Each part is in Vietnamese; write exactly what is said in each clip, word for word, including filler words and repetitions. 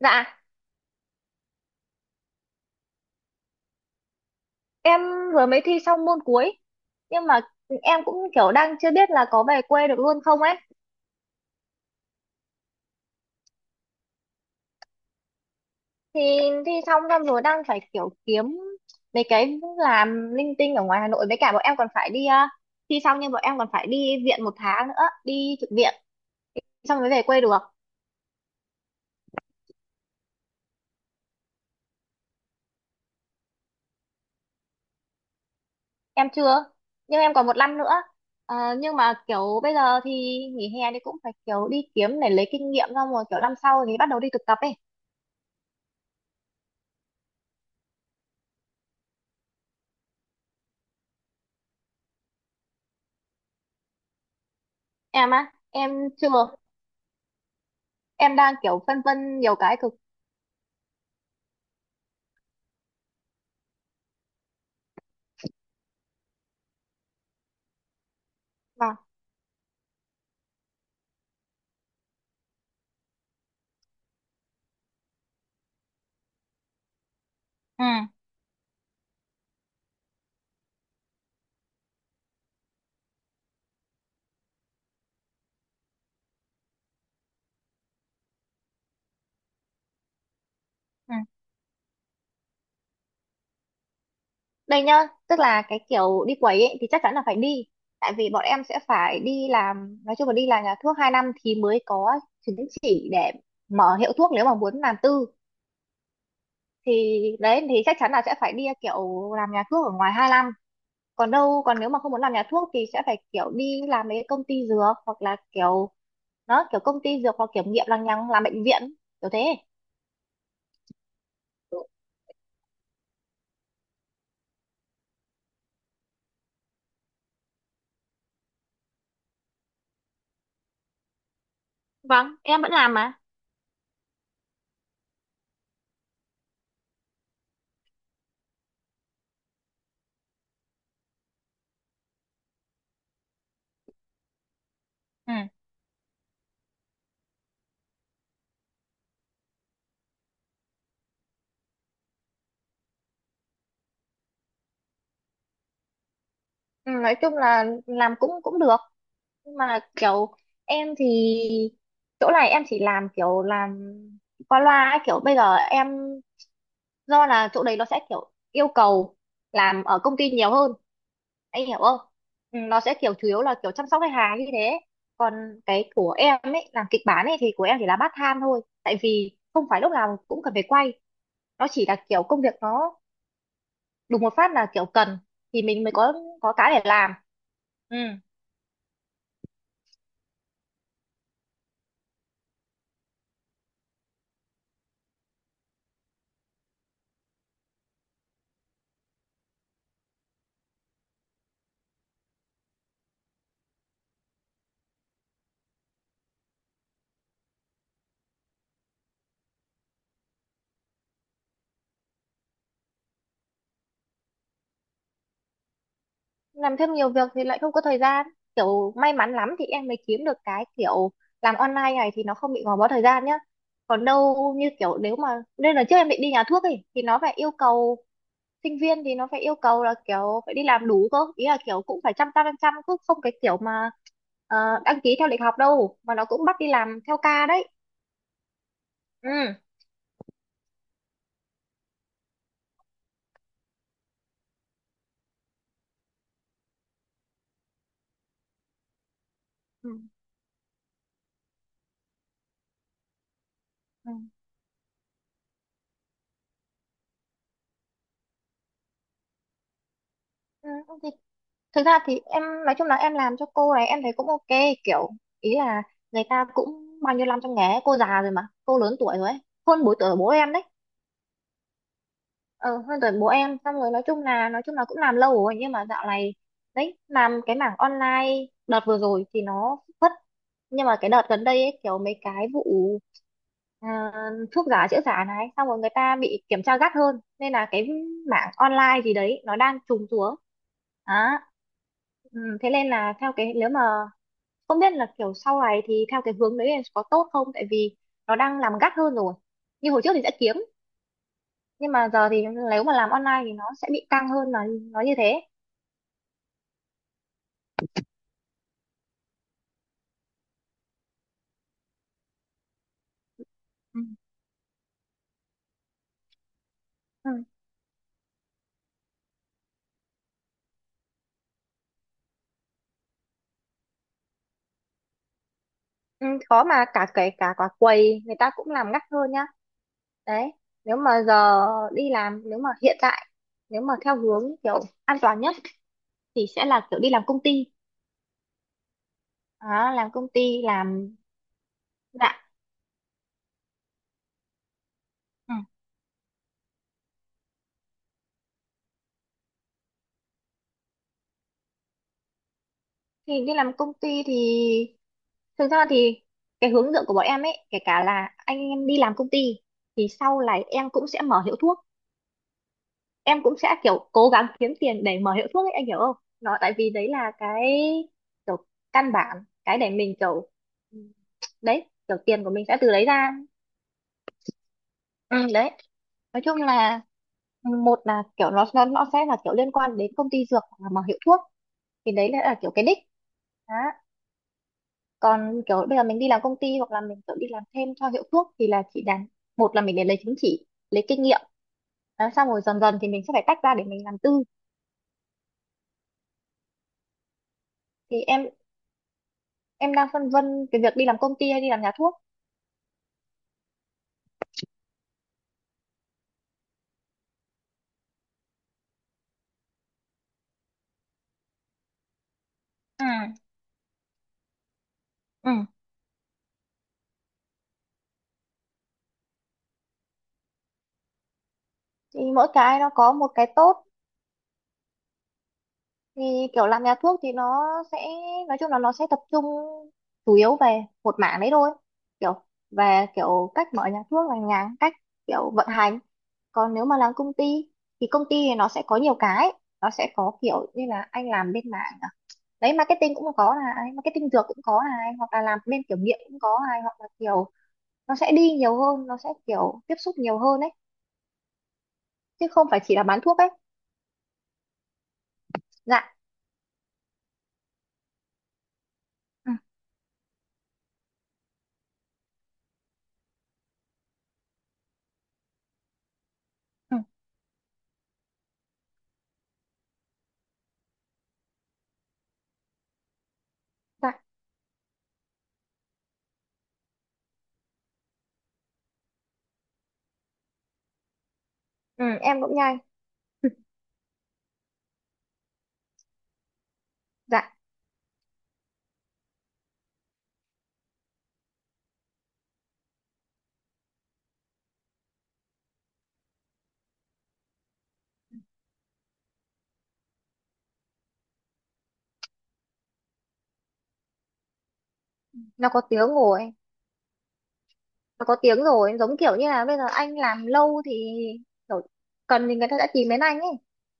Dạ, em vừa mới thi xong môn cuối. Nhưng mà em cũng kiểu đang chưa biết là có về quê được luôn không ấy. Thì thi xong xong rồi đang phải kiểu kiếm mấy cái làm linh tinh ở ngoài Hà Nội. Với cả bọn em còn phải đi, ờ, thi xong nhưng bọn em còn phải đi viện một tháng nữa, đi trực viện. Xong mới về quê được. Em chưa. Nhưng em còn một năm nữa. Ờ, nhưng mà kiểu bây giờ thì nghỉ hè thì cũng phải kiểu đi kiếm để lấy kinh nghiệm, xong rồi kiểu năm sau thì bắt đầu đi thực tập ấy. Em á, em chưa. Em đang kiểu phân vân nhiều cái cực. Vâng. Ừ, ừ, đây nhá, tức là cái kiểu đi quẩy ấy, thì chắc chắn là phải đi, tại vì bọn em sẽ phải đi làm, nói chung là đi làm nhà thuốc hai năm thì mới có chứng chỉ để mở hiệu thuốc nếu mà muốn làm tư. Thì đấy thì chắc chắn là sẽ phải đi kiểu làm nhà thuốc ở ngoài hai năm. Còn đâu, còn nếu mà không muốn làm nhà thuốc thì sẽ phải kiểu đi làm mấy công ty dược, hoặc là kiểu nó kiểu công ty dược hoặc kiểm nghiệm lằng nhằng, làm bệnh viện kiểu thế. Vâng, em vẫn làm mà. Ừ, nói chung là làm cũng cũng được, nhưng mà kiểu em thì chỗ này em chỉ làm kiểu làm qua loa ấy, kiểu bây giờ em do là chỗ đấy nó sẽ kiểu yêu cầu làm ở công ty nhiều hơn, anh hiểu không. Ừ, nó sẽ kiểu chủ yếu là kiểu chăm sóc khách hàng như thế. Còn cái của em ấy làm kịch bản ấy thì của em chỉ là part time thôi, tại vì không phải lúc nào cũng cần phải quay, nó chỉ là kiểu công việc nó đùng một phát là kiểu cần thì mình mới có có cái để làm. Ừ, làm thêm nhiều việc thì lại không có thời gian, kiểu may mắn lắm thì em mới kiếm được cái kiểu làm online này thì nó không bị gò bó thời gian nhá. Còn đâu như kiểu nếu mà, nên là trước em định đi nhà thuốc ấy thì nó phải yêu cầu sinh viên, thì nó phải yêu cầu là kiểu phải đi làm đủ cơ, ý là kiểu cũng phải chăm chăm chăm chăm, cứ không cái kiểu mà ờ, đăng ký theo lịch học đâu, mà nó cũng bắt đi làm theo ca đấy. Ừ. Ừ. Ừ. Ừ. Ok. Thực ra thì em nói chung là em làm cho cô này em thấy cũng ok. Kiểu, ý là người ta cũng bao nhiêu năm trong nghề ấy, cô già rồi, mà cô lớn tuổi rồi ấy, hơn bốn tuổi của bố em đấy. ờ Hơn tuổi bố em. Xong rồi nói chung là nói chung là cũng làm lâu rồi, nhưng mà dạo này đấy, làm cái mảng online đợt vừa rồi thì nó phất. Nhưng mà cái đợt gần đây ấy, kiểu mấy cái vụ à, thuốc giả, chữa giả này, xong rồi người ta bị kiểm tra gắt hơn, nên là cái mảng online gì đấy nó đang trùng xuống. Đó. Ừ, thế nên là theo cái, nếu mà không biết là kiểu sau này thì theo cái hướng đấy là có tốt không, tại vì nó đang làm gắt hơn rồi. Như hồi trước thì sẽ kiếm, nhưng mà giờ thì nếu mà làm online thì nó sẽ bị căng hơn, là nó như thế. Ừ. Ừ. Ừ, khó. Mà cả, kể cả quả quầy người ta cũng làm gắt hơn nhá. Đấy, nếu mà giờ đi làm, nếu mà hiện tại, nếu mà theo hướng kiểu an toàn nhất thì sẽ là kiểu đi làm công ty. Đó, làm công ty, làm dạng. Ừ. Thì đi làm công ty thì, thực ra thì cái hướng dẫn của bọn em ấy, kể cả là anh em đi làm công ty thì sau này em cũng sẽ mở hiệu thuốc. Em cũng sẽ kiểu cố gắng kiếm tiền để mở hiệu thuốc ấy, anh hiểu không. Nó tại vì đấy là cái kiểu căn bản, cái để mình kiểu, ừ, đấy, kiểu tiền của mình sẽ từ đấy ra. Ừ, đấy, nói chung là một là kiểu nó nó nó sẽ là kiểu liên quan đến công ty dược hoặc là mở hiệu thuốc, thì đấy là kiểu cái đích. Đó. Còn kiểu bây giờ mình đi làm công ty hoặc là mình kiểu đi làm thêm cho hiệu thuốc thì là chỉ đàn, một là mình để lấy chứng chỉ, lấy kinh nghiệm. Đó, xong rồi dần dần thì mình sẽ phải tách ra để mình làm tư. Thì em em đang phân vân cái việc đi làm công ty hay đi làm nhà thuốc. Ừ. Ừ, thì mỗi cái nó có một cái tốt. Thì kiểu làm nhà thuốc thì nó sẽ, nói chung là nó sẽ tập trung chủ yếu về một mảng đấy thôi, kiểu về kiểu cách mở nhà thuốc, là nhà, cách kiểu vận hành. Còn nếu mà làm công ty thì công ty thì nó sẽ có nhiều cái, nó sẽ có kiểu như là anh làm bên mảng à, đấy, marketing cũng có này, marketing dược cũng có này, hoặc là làm bên kiểm nghiệm cũng có này, hoặc là kiểu nó sẽ đi nhiều hơn, nó sẽ kiểu tiếp xúc nhiều hơn ấy, chứ không phải chỉ là bán thuốc ấy. Dạ. Ừ. Ừ. Dạ. Ừ, em cũng nhai. Dạ, nó có tiếng rồi. Nó có tiếng rồi, giống kiểu như là bây giờ anh làm lâu thì kiểu cần thì người ta đã tìm đến anh ấy.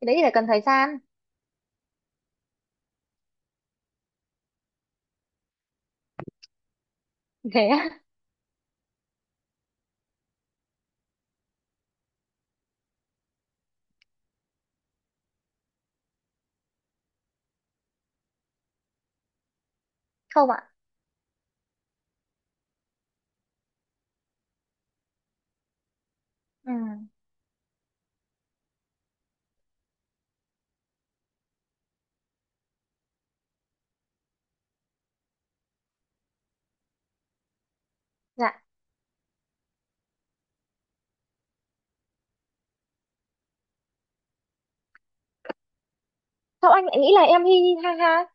Cái đấy thì phải cần thời gian. Thế á. Không ạ. Ừ. Dạ, sao anh lại nghĩ là em hi hi ha ha.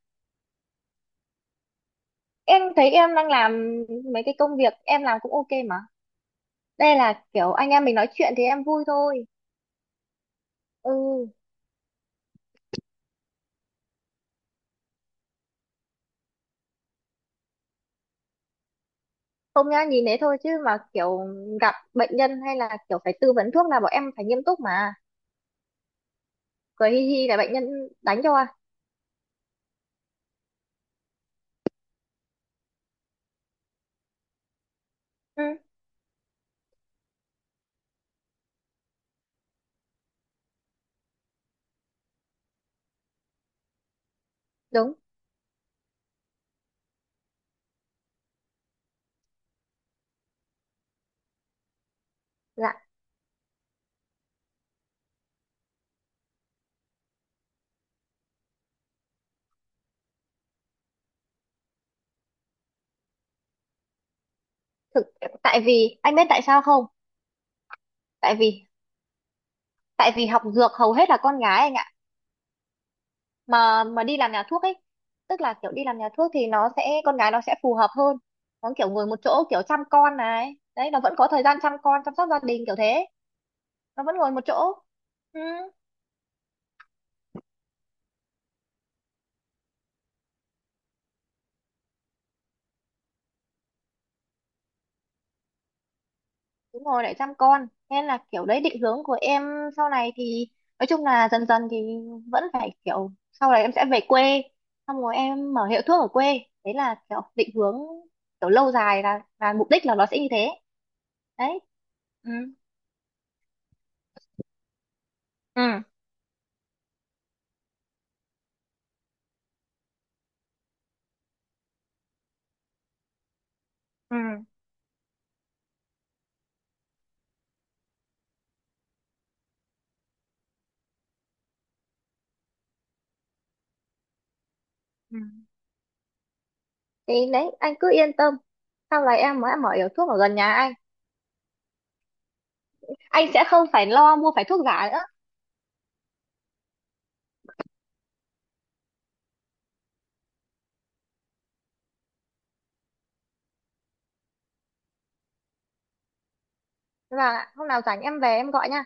Em thấy em đang làm mấy cái công việc em làm cũng ok mà. Đây là kiểu anh em mình nói chuyện thì em vui thôi. Ừ, không nhá, nhìn thế thôi chứ mà kiểu gặp bệnh nhân hay là kiểu phải tư vấn thuốc là bọn em phải nghiêm túc mà. Cười hi hi là bệnh nhân đánh cho à. Ừ, đúng. Dạ, thực, tại vì anh biết tại sao không. Tại vì tại vì học dược hầu hết là con gái, anh ạ. Mà mà đi làm nhà thuốc ấy, tức là kiểu đi làm nhà thuốc thì nó sẽ, con gái nó sẽ phù hợp hơn. Nó kiểu ngồi một chỗ, kiểu chăm con này, đấy, nó vẫn có thời gian chăm con, chăm sóc gia đình kiểu thế. Nó vẫn ngồi một chỗ. Ừ. Đúng rồi, lại chăm con nên là kiểu đấy định hướng của em sau này thì, nói chung là dần dần thì vẫn phải kiểu sau này em sẽ về quê, xong rồi em mở hiệu thuốc ở quê, đấy là kiểu định hướng kiểu lâu dài, là là mục đích, là nó sẽ như thế. Đấy. Ừ. Ừ. Ừ. Ừ. Thì đấy anh cứ yên tâm, sau này em mới mở hiệu thuốc ở gần nhà anh anh sẽ không phải lo mua phải thuốc giả nữa. Và hôm nào rảnh em về em gọi nha.